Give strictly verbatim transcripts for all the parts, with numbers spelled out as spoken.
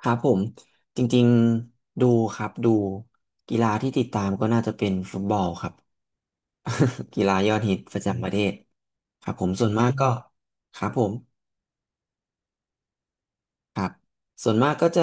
ครับผมจริงๆดูครับดูกีฬาที่ติดตามก็น่าจะเป็นฟุตบอลครับ กีฬายอดฮิตประจำประเทศครับผมส่วนมากก็ครับผม ครับส่วนมากก็จะ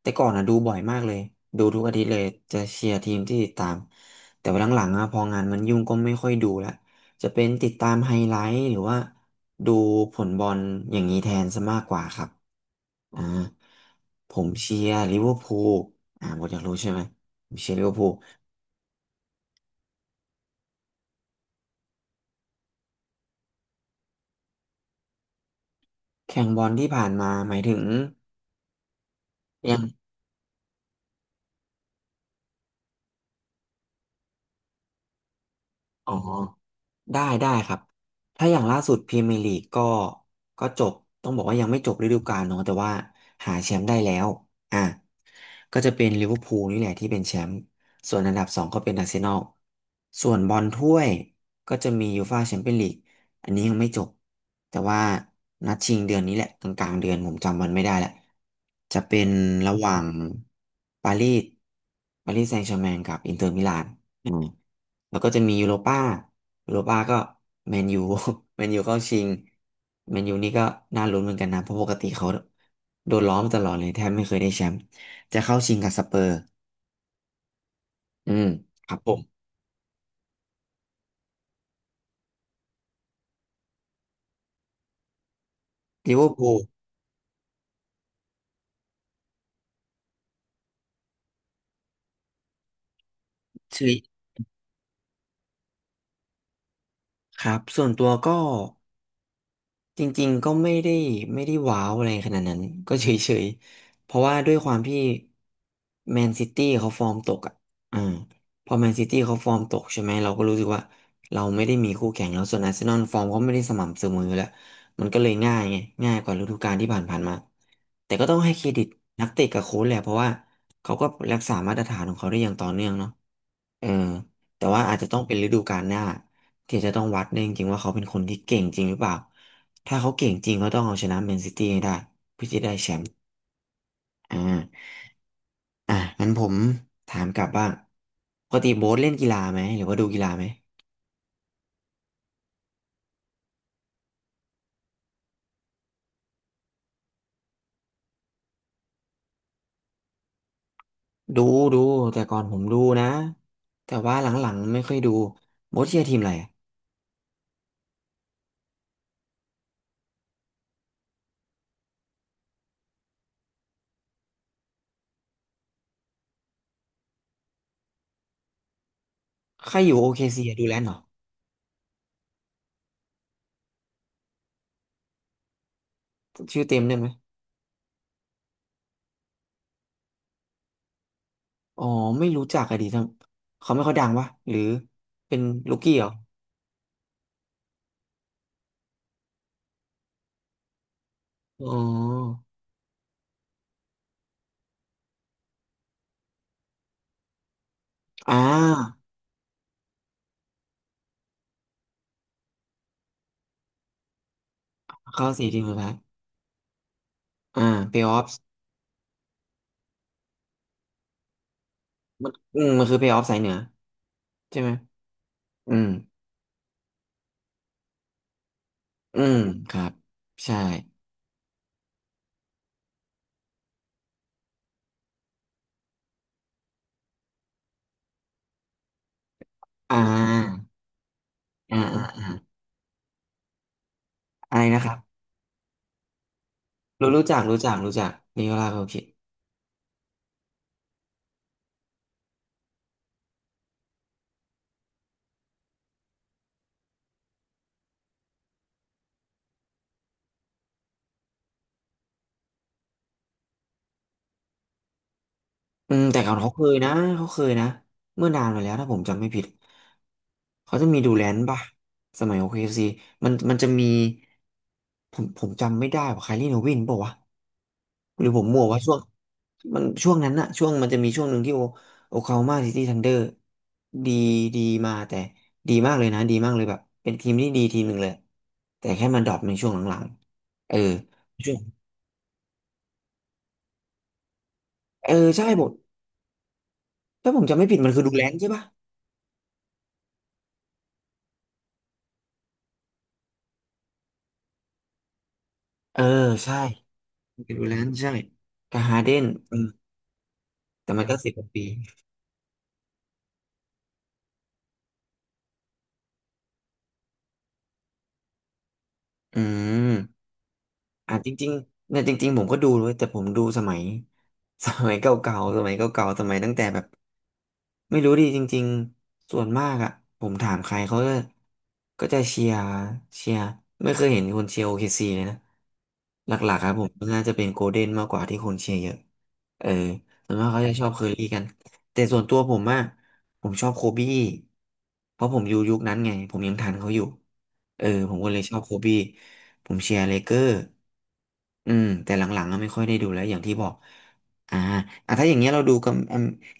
แต่ก่อนอะดูบ่อยมากเลยดูทุกอาทิตย์เลยจะเชียร์ทีมที่ติดตามแต่ว่าหลังๆอะพองานมันยุ่งก็ไม่ค่อยดูละจะเป็นติดตามไฮไลท์หรือว่าดูผลบอลอย่างนี้แทนซะมากกว่าครับอ่าผมเชียร์ลิเวอร์พูลอ่าหมดอยากรู้ใช่ไหมผมเชียร์ลิเวอร์พูลแข่งบอลที่ผ่านมาหมายถึงยัง อ๋อได้ได้ครับถ้าอย่างล่าสุดพรีเมียร์ลีกก็ก็จบต้องบอกว่ายังไม่จบฤดูกาลเนาะแต่ว่าหาแชมป์ได้แล้วอ่ะก็จะเป็นลิเวอร์พูลนี่แหละที่เป็นแชมป์ส่วนอันดับสองก็เป็นอาร์เซนอลส่วนบอลถ้วยก็จะมียูฟ่าแชมเปี้ยนลีกอันนี้ยังไม่จบแต่ว่านัดชิงเดือนนี้แหละกลางๆเดือนผมจำวันไม่ได้แหละจะเป็นระหว่างปารีสปารีสแซงต์แชร์แมงกับอินเตอร์มิลาน แล้วก็จะมียูโรป้ายูโรป้าก็แมนยู แมนยูเข้าชิง แมนยูนี่ก็น่าลุ้นเหมือนกันนะ เพราะปกติเขาโดนล้อมาตลอดเลยแทบไม่เคยได้แชมป์จะเข้าชิงกับสเปอร์ อืม ครับผมลิเวอร์พูลชื่อครับ ส่วนตัวก็ จริงๆก็ไม่ได้ไม่ได้ว้าวอะไรขนาดนั้น ก็เฉยๆเพราะว่าด้วยความที่แมนซิตี้เขาฟอร์มตกอ่ะอ่าพอแมนซิตี้เขาฟอร์มตกใช่ไหมเราก็รู้สึกว่าเราไม่ได้มีคู่แข่งแล้วส่วนอาร์เซนอลฟอร์มเขาไม่ได้สม่ำเสมออยู่แล้วมันก็เลยง่ายไงง่ายกว่าฤดูกาลที่ผ่านๆมาแต่ก็ต้องให้เครดิตนักเตะกับโค้ชแหละเพราะว่าเขาก็รักษามาตรฐานของเขาได้อย่างต่อเนื่องเนาะเออแต่ว่าอาจจะต้องเป็นฤดูกาลหน้าที่จะต้องวัดเนี่ยจริงๆว่าเขาเป็นคนที่เก่งจริงหรือเปล่า ถ้าเขาเก่งจริงก็ต้องเอาชนะแมนซิตี้ให้ได้เพื่อจะได้แชมป์อ่าอ่ะงั้นผมถามกลับบ้างปกติโบ๊ทเล่นกีฬาไหมหรือว่าดูกีฬาไหมดูดูแต่ก่อนผมดูนะแต่ว่าหลังๆไม่ค่อยดูโบ๊ทเชียร์ทีมอะไรอะใครอยู่โอเคซีดูแลนด์เหรอชื่อเต็มได้ไหมอ๋อไม่รู้จักอะดีทั้งเขาไม่ค่อยดังวะหรือเป็นลูกกี้เหรออ๋ออ่าเข้าสี่ทีมสุดท้ายอ่าเพย์ออฟมันอืมมันคือเพย์ออฟสายเหนือใช่ไหมอืม อืมครับใช่อ่าอ่าอ่าอะไรนะครับรู้รู้จักรู้จักรู้จักนิโคลาโคคิ อืมแต่ก่อนเขาเคยนะเขาเคยนะเมื่อนานมาแล้วถ้าผมจำไม่ผิดเขาจะมีดูแลนป่ะสมัย o k ซีมันมันจะมีผมผมจำไม่ได้ว่าไคลรี่โนวินบอกว่าวะหรือผมมั่วว่าช่วงมันช่วงนั้นอะช่วงมันจะมีช่วงหนึ่งที่โอโอคลาโฮมาซิตี้ธันเดอร์ดีดีมาแต่ดีมากเลยนะดีมากเลยแบบเป็นทีมที่ดีทีมหนึ่งเลยแต่แค่มันดรอปในช่วงหลังๆเออช่วงเออใช่ผมถ้าผมจำไม่ผิดมันคือดูแลนใช่ป่ะเออใช่ เป็นดูแลนใช่กับฮาร์เดนอืม แต่มันก็สิบกว่าปี อืมอ่ะจริงๆเนี่ยจริงๆผมก็ดูเลยแต่ผมดูสมัย สมัยเก่าๆสมัยเก่าๆสมัยตั้งแต่แบบ ไม่รู้ดิจริงๆส่วนมากอ่ะผมถามใครเขาก็ก็จะเชียร์เชียร์ไม่เคยเห็นคนเชียร์โอเคซีเลยนะหลักๆครับผมน่าจะเป็นโกลเด้นมากกว่าที่คนเชียร์เยอะเออส่วนมากเขาจะชอบเคอรี่กันแต่ส่วนตัวผมอะผมชอบโคบี้เพราะผมอยู่ยุคนั้นไงผมยังทันเขาอยู่เออผมก็เลยชอบโคบี้ผมเชียร์เลเกอร์อืมแต่หลังๆก็ไม่ค่อยได้ดูแล้วอย่างที่บอกอ่าอ่ะถ้าอย่างเงี้ยเราดูกับ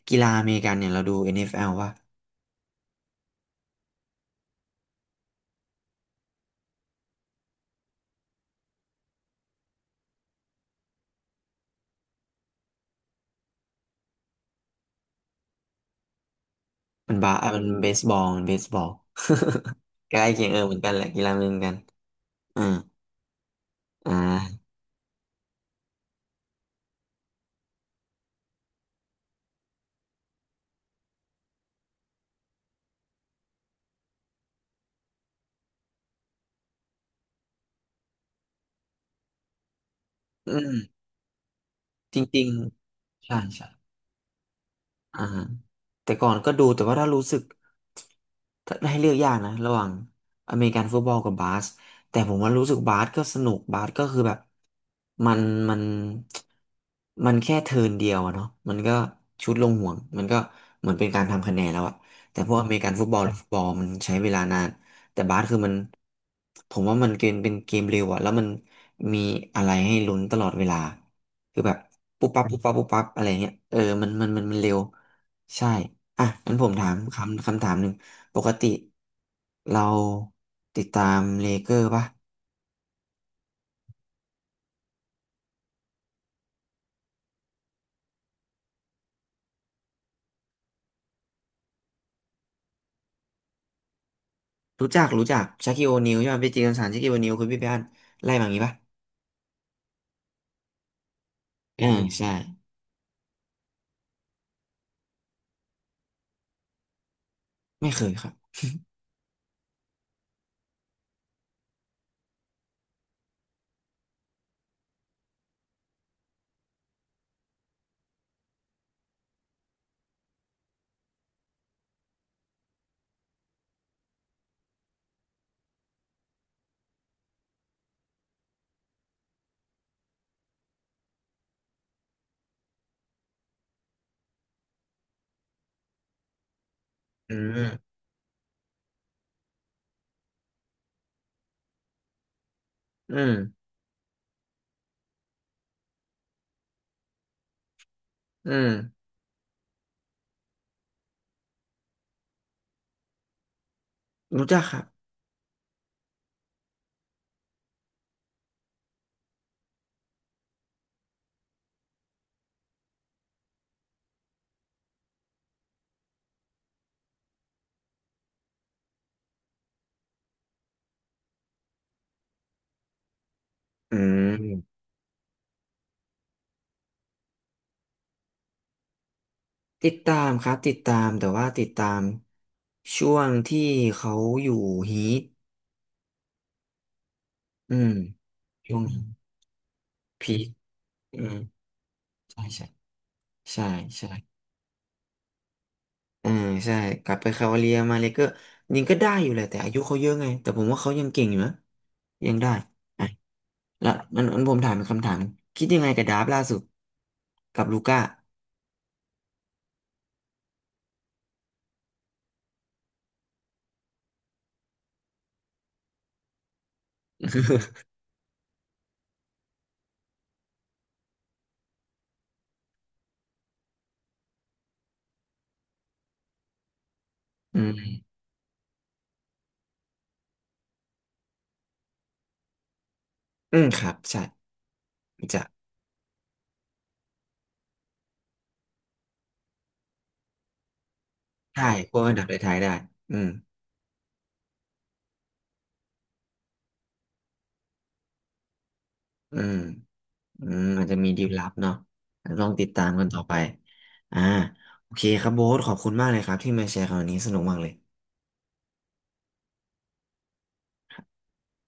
กีฬาอเมริกันเนี่ยเราดู เอ็น เอฟ แอล ว่ามันบาอ่ะมันเบสบอลมันเบสบอล ใกล้เคียงเออเหมือนกันแหละกีฬาเหมือนกันอืมอ่าอืมจริงๆใช่ใช่ อ่าแต่ก่อนก็ดูแต่ว่าถ้ารู้สึกถ้าให้เลือกยากนะระหว่างอเมริกันฟุตบอลกับบาสแต่ผมว่ารู้สึกบาสก็สนุกบาสก็คือแบบมันมันมันแค่เทิร์นเดียวอะเนาะมันก็ชุดลงห่วงมันก็เหมือนเป็นการทำคะแนนแล้วอะแต่พวกอเมริกันฟุตบอลหรือฟุตบอลมันใช้เวลานานแต่บาสคือมันผมว่ามันเกมเป็นเกมเร็วอะแล้วมันมีอะไรให้ลุ้นตลอดเวลา คือแบบปุ๊บปั๊บปุ๊บปั๊บปุ๊บปั๊บอะไรเงี้ยเออมันมันมันมันเร็วใช่อ่ะงั้นผมถามคำคำถามหนึ่งปกติเราติดตามเลเกอร์ป่ะรู้จักรู้จักชาคิโอนิลใช่ไหมไปจีกันสารชาคิโอนิลคุณพี่ไปอ่านไล่มาอย่างงี้ป่ะอ่าใช่ไม่เคยครับอืมอืมอืมรู้จักครับอืมติดตามครับติดตามแต่ว่าติดตามช่วงที่เขาอยู่ฮีทอืมช่วงพีคอืมใช่ใช่ ใช่ใช่เออใช่กลับไปคาวาเลียมาเลยก็ยิงก็ได้อยู่แหละแต่อายุเขาเยอะไง แต่ผมว่าเขายังเก่งอยู่นะยังได้อ่ะแล้วนั้นนั้นผมถามเป็นคำถามคิดยังไงกับดาร์ฟล่าสุดกับลูก้าอืมอืมครับใช่จะได้พวกอันดับท้ายๆได้อืมอืมอืมอาจจะมีดีลลับเนาะลองติดตามกันต่อไปอ่าโอเคครับโบ๊ทขอบคุณมากเลยครับที่มาแชร์คราวนี้สนุกมากเลย